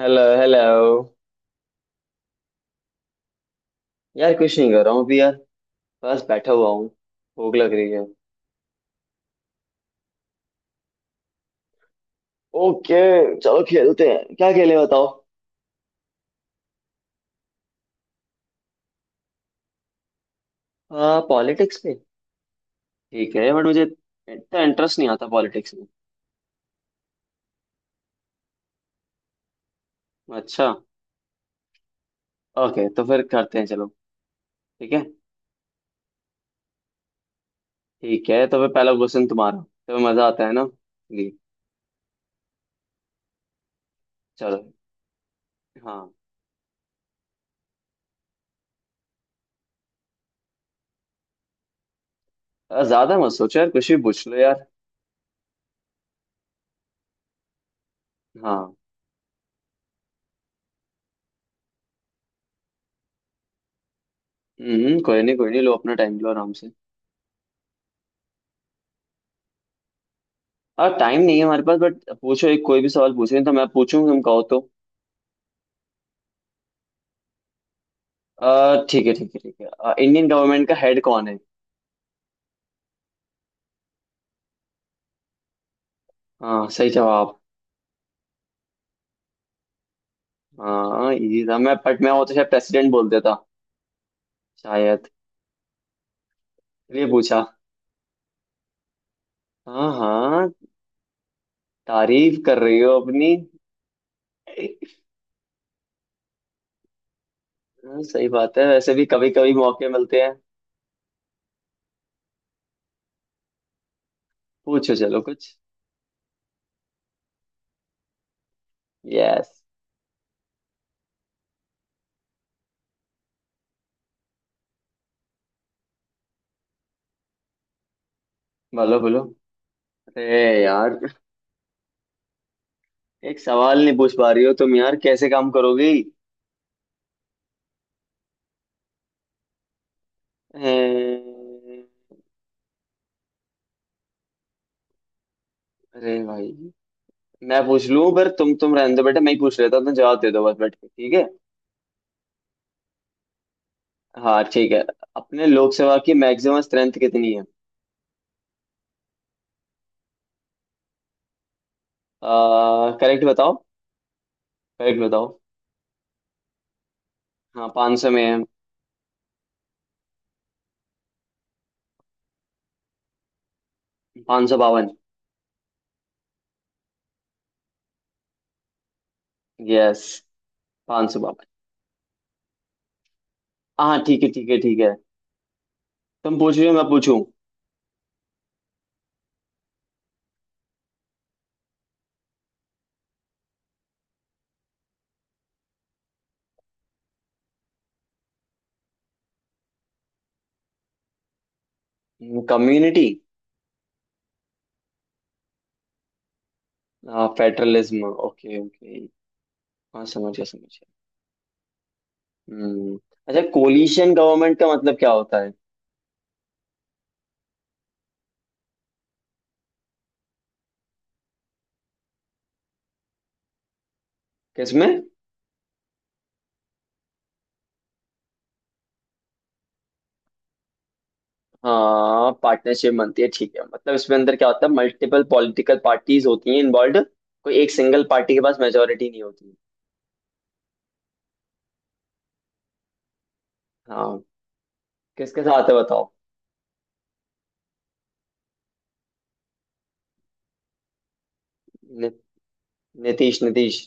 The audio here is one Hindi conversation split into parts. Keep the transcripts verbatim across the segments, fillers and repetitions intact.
Hello hello. यार कुछ नहीं कर रहा हूँ अभी यार। बस बैठा हुआ हूँ। भूख लग रही है। ओके। चलो खेलते हैं, क्या खेले बताओ। आ, पॉलिटिक्स पे। ठीक है, बट मुझे इतना इंटरेस्ट नहीं आता पॉलिटिक्स में। अच्छा। ओके तो फिर करते हैं, चलो। ठीक है। ठीक है, तो फिर पहला क्वेश्चन तुम्हारा। तो मजा आता है ना जी। चलो। हाँ। अ, ज्यादा मत सोचो यार, कुछ भी पूछ लो यार। हाँ। हम्म। कोई नहीं, कोई नहीं, लो अपना टाइम लो आराम से। और टाइम नहीं है हमारे पास, बट पूछो एक कोई भी सवाल पूछो, नहीं तो मैं पूछूं तुम कहो तो। अ, ठीक है ठीक है ठीक है। अ, इंडियन गवर्नमेंट का हेड कौन है? हाँ, सही जवाब। हाँ इजी था, मैं बट मैं वो तो शायद प्रेसिडेंट बोल देता, शायद। ये पूछा? हाँ हाँ। तारीफ कर रही हो अपनी। हाँ, सही बात है, वैसे भी कभी कभी मौके मिलते हैं। पूछो चलो कुछ। यस, बोलो बोलो। अरे यार, एक सवाल नहीं पूछ पा रही हो तुम यार, कैसे काम करोगी? अ, अरे भाई, मैं पूछ लूं, पर तुम तुम रहने दो बेटा, मैं ही पूछ लेता हूं, तुम जवाब दे दो बस बैठ के, ठीक है। हाँ, ठीक है। अपने लोकसभा की मैक्सिमम स्ट्रेंथ कितनी है? करेक्ट बताओ, करेक्ट बताओ। हाँ पाँच सौ में है। पाँच सौ बावन। यस, पाँच सौ बावन। हाँ ठीक है ठीक है ठीक है। तुम पूछ रहे हो मैं पूछूं? कम्युनिटी। Federalism, okay okay. हाँ, समझ गया समझ गया। हम्म। अच्छा, कोलिशन गवर्नमेंट का मतलब क्या होता है? किसमें? हाँ, पार्टनरशिप बनती है ठीक है, मतलब इसमें अंदर क्या होता है, मल्टीपल पॉलिटिकल पार्टीज होती हैं इन्वॉल्व। कोई एक सिंगल पार्टी के पास मेजोरिटी नहीं होती। हाँ, किसके साथ है बताओ। नि, नीतीश नीतीश।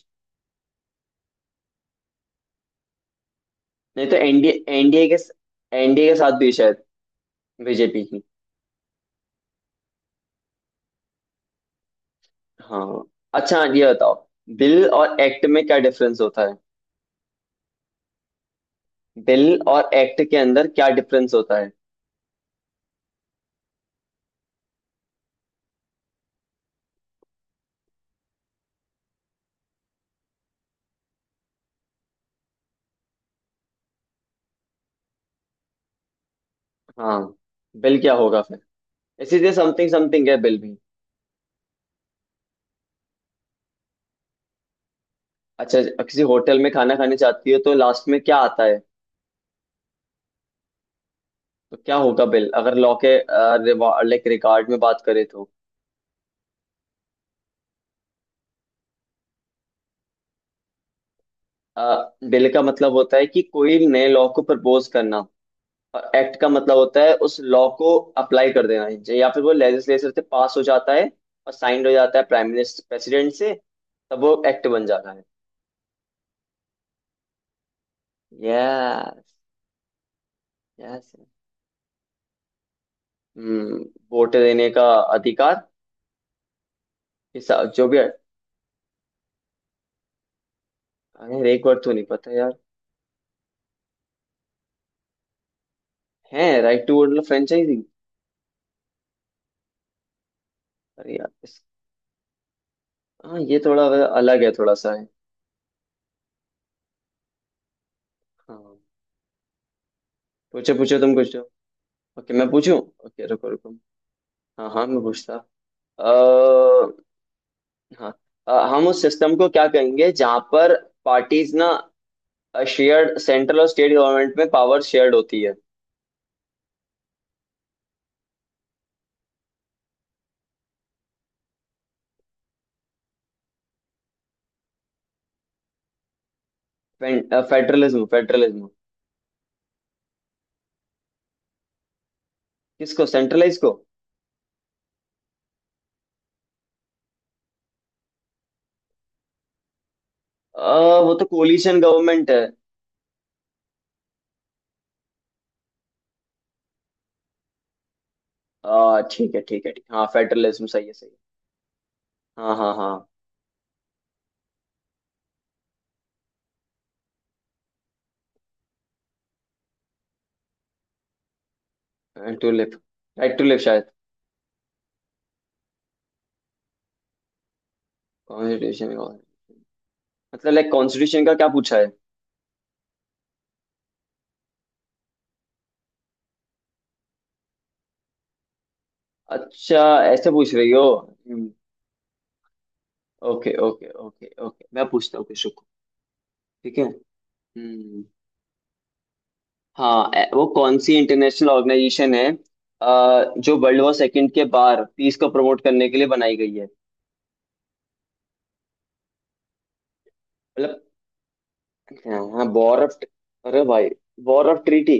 नहीं तो एनडीए एनडीए के एनडीए के साथ भी है शायद, बीजेपी की। हाँ, अच्छा, हाँ, ये बताओ, बिल और एक्ट में क्या डिफरेंस होता है? बिल और एक्ट के अंदर क्या डिफरेंस होता है? हाँ बिल क्या होगा फिर? इसी तरह समथिंग समथिंग है बिल भी। अच्छा, किसी होटल में खाना खाने जाती है तो लास्ट में क्या आता है? तो क्या होगा बिल, अगर लॉ के, लाइक रिकॉर्ड में बात करें तो। बिल का मतलब होता है कि कोई नए लॉ को प्रपोज करना। एक्ट का मतलब होता है उस लॉ को अप्लाई कर देना चाहिए, या फिर वो लेजिस्लेचर से पास हो जाता है और साइंड हो जाता है प्राइम मिनिस्टर प्रेसिडेंट से, तब वो एक्ट बन जाता है। यस। यस। हम्म। वोट देने का अधिकार। हिसा- जो भी। अरे एक बार तो नहीं पता यार। है राइट टू वोट मतलब फ्रेंचाइजिंग। अरे यार इस, हाँ, ये थोड़ा अलग है, थोड़ा सा है। हाँ। पूछो पूछो तुम कुछ। ओके मैं पूछूं। ओके रुको रुको। हाँ हाँ, मैं पूछता। हाँ अ, हम उस सिस्टम को क्या कहेंगे जहां पर पार्टीज ना, शेयर्ड, सेंट्रल और स्टेट गवर्नमेंट में पावर शेयर्ड होती है? Federalism federalism. किसको, सेंट्रलाइज को? अ, वो तो कोलिशन गवर्नमेंट है। अ, ठीक है ठीक है ठीक हाँ, फेडरलिज्म सही है सही है। हाँ हाँ हाँ। To live. Right to live शायद। कॉन्स्टिट्यूशन। मतलब लाइक कॉन्स्टिट्यूशन का क्या पूछा है? अच्छा, ऐसे पूछ रही हो। ओके ओके ओके ओके, मैं पूछता हूँ कुछ, रुको। ठीक है। हम्म। हाँ ए- वो कौन सी इंटरनेशनल ऑर्गेनाइजेशन है, अ, जो वर्ल्ड वॉर सेकंड के बाद पीस को प्रमोट करने के लिए बनाई गई है? मतलब। हाँ वॉर ऑफ। अरे भाई। War of treaty.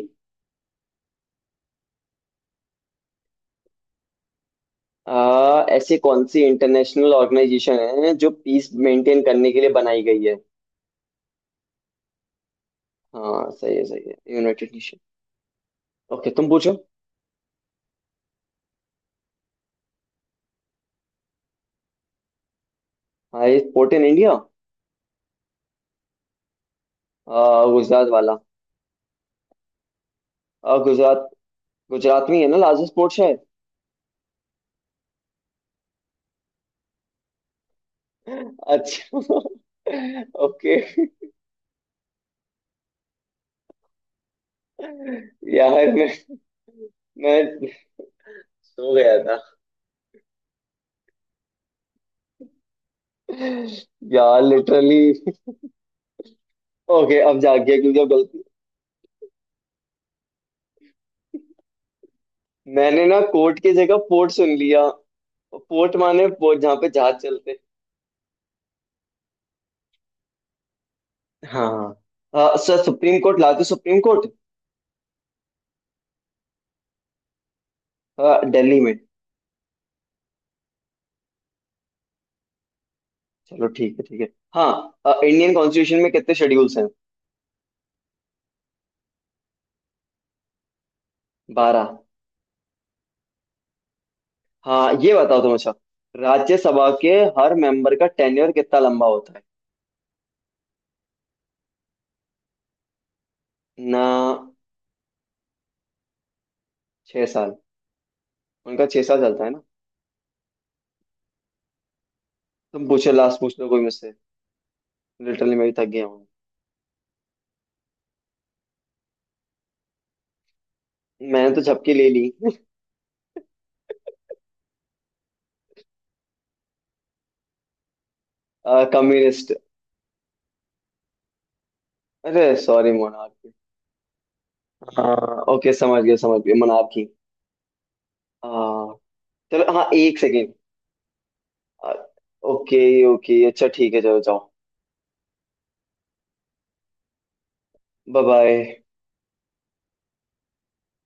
आ, ऐसे कौन सी इंटरनेशनल ऑर्गेनाइजेशन है जो पीस मेंटेन करने के लिए बनाई गई है? हाँ, सही है सही है, यूनाइटेड नेशन। ओके तुम पूछो। हाँ ये पोर्ट इन इंडिया? आ, गुजरात वाला। अ, गुजरात गुजरात में ही है ना लार्जेस्ट पोर्ट शायद। अच्छा। ओके। यार मैं मैं सो गया था यार, लिटरली। ओके अब जाग गया, क्योंकि अब गलती। मैंने ना कोर्ट की जगह पोर्ट सुन लिया। पोर्ट माने पोर्ट जहाँ पे जहाज चलते। हाँ हाँ। हाँ, सर सुप्रीम कोर्ट, लाते सुप्रीम कोर्ट। हाँ, दिल्ली में। चलो ठीक है ठीक है। हाँ अ, इंडियन कॉन्स्टिट्यूशन में कितने शेड्यूल्स हैं? बारह। हाँ ये बताओ तुम। अच्छा, राज्यसभा के हर मेंबर का टेन्योर कितना लंबा होता है? ना छह साल। उनका छह साल चलता है ना। तुम पूछो लास्ट पूछ लो कोई मुझसे। लिटरली मैं भी थक गया हूँ। मैंने तो झपकी ले ली। कम्युनिस्ट। अरे सॉरी, मोनार्की। हाँ, ओके समझ गया समझ गया, मोनार्की। हाँ। चलो हाँ, एक सेकेंड। ओके। ओके अच्छा ठीक है चलो जाओ। Bye bye.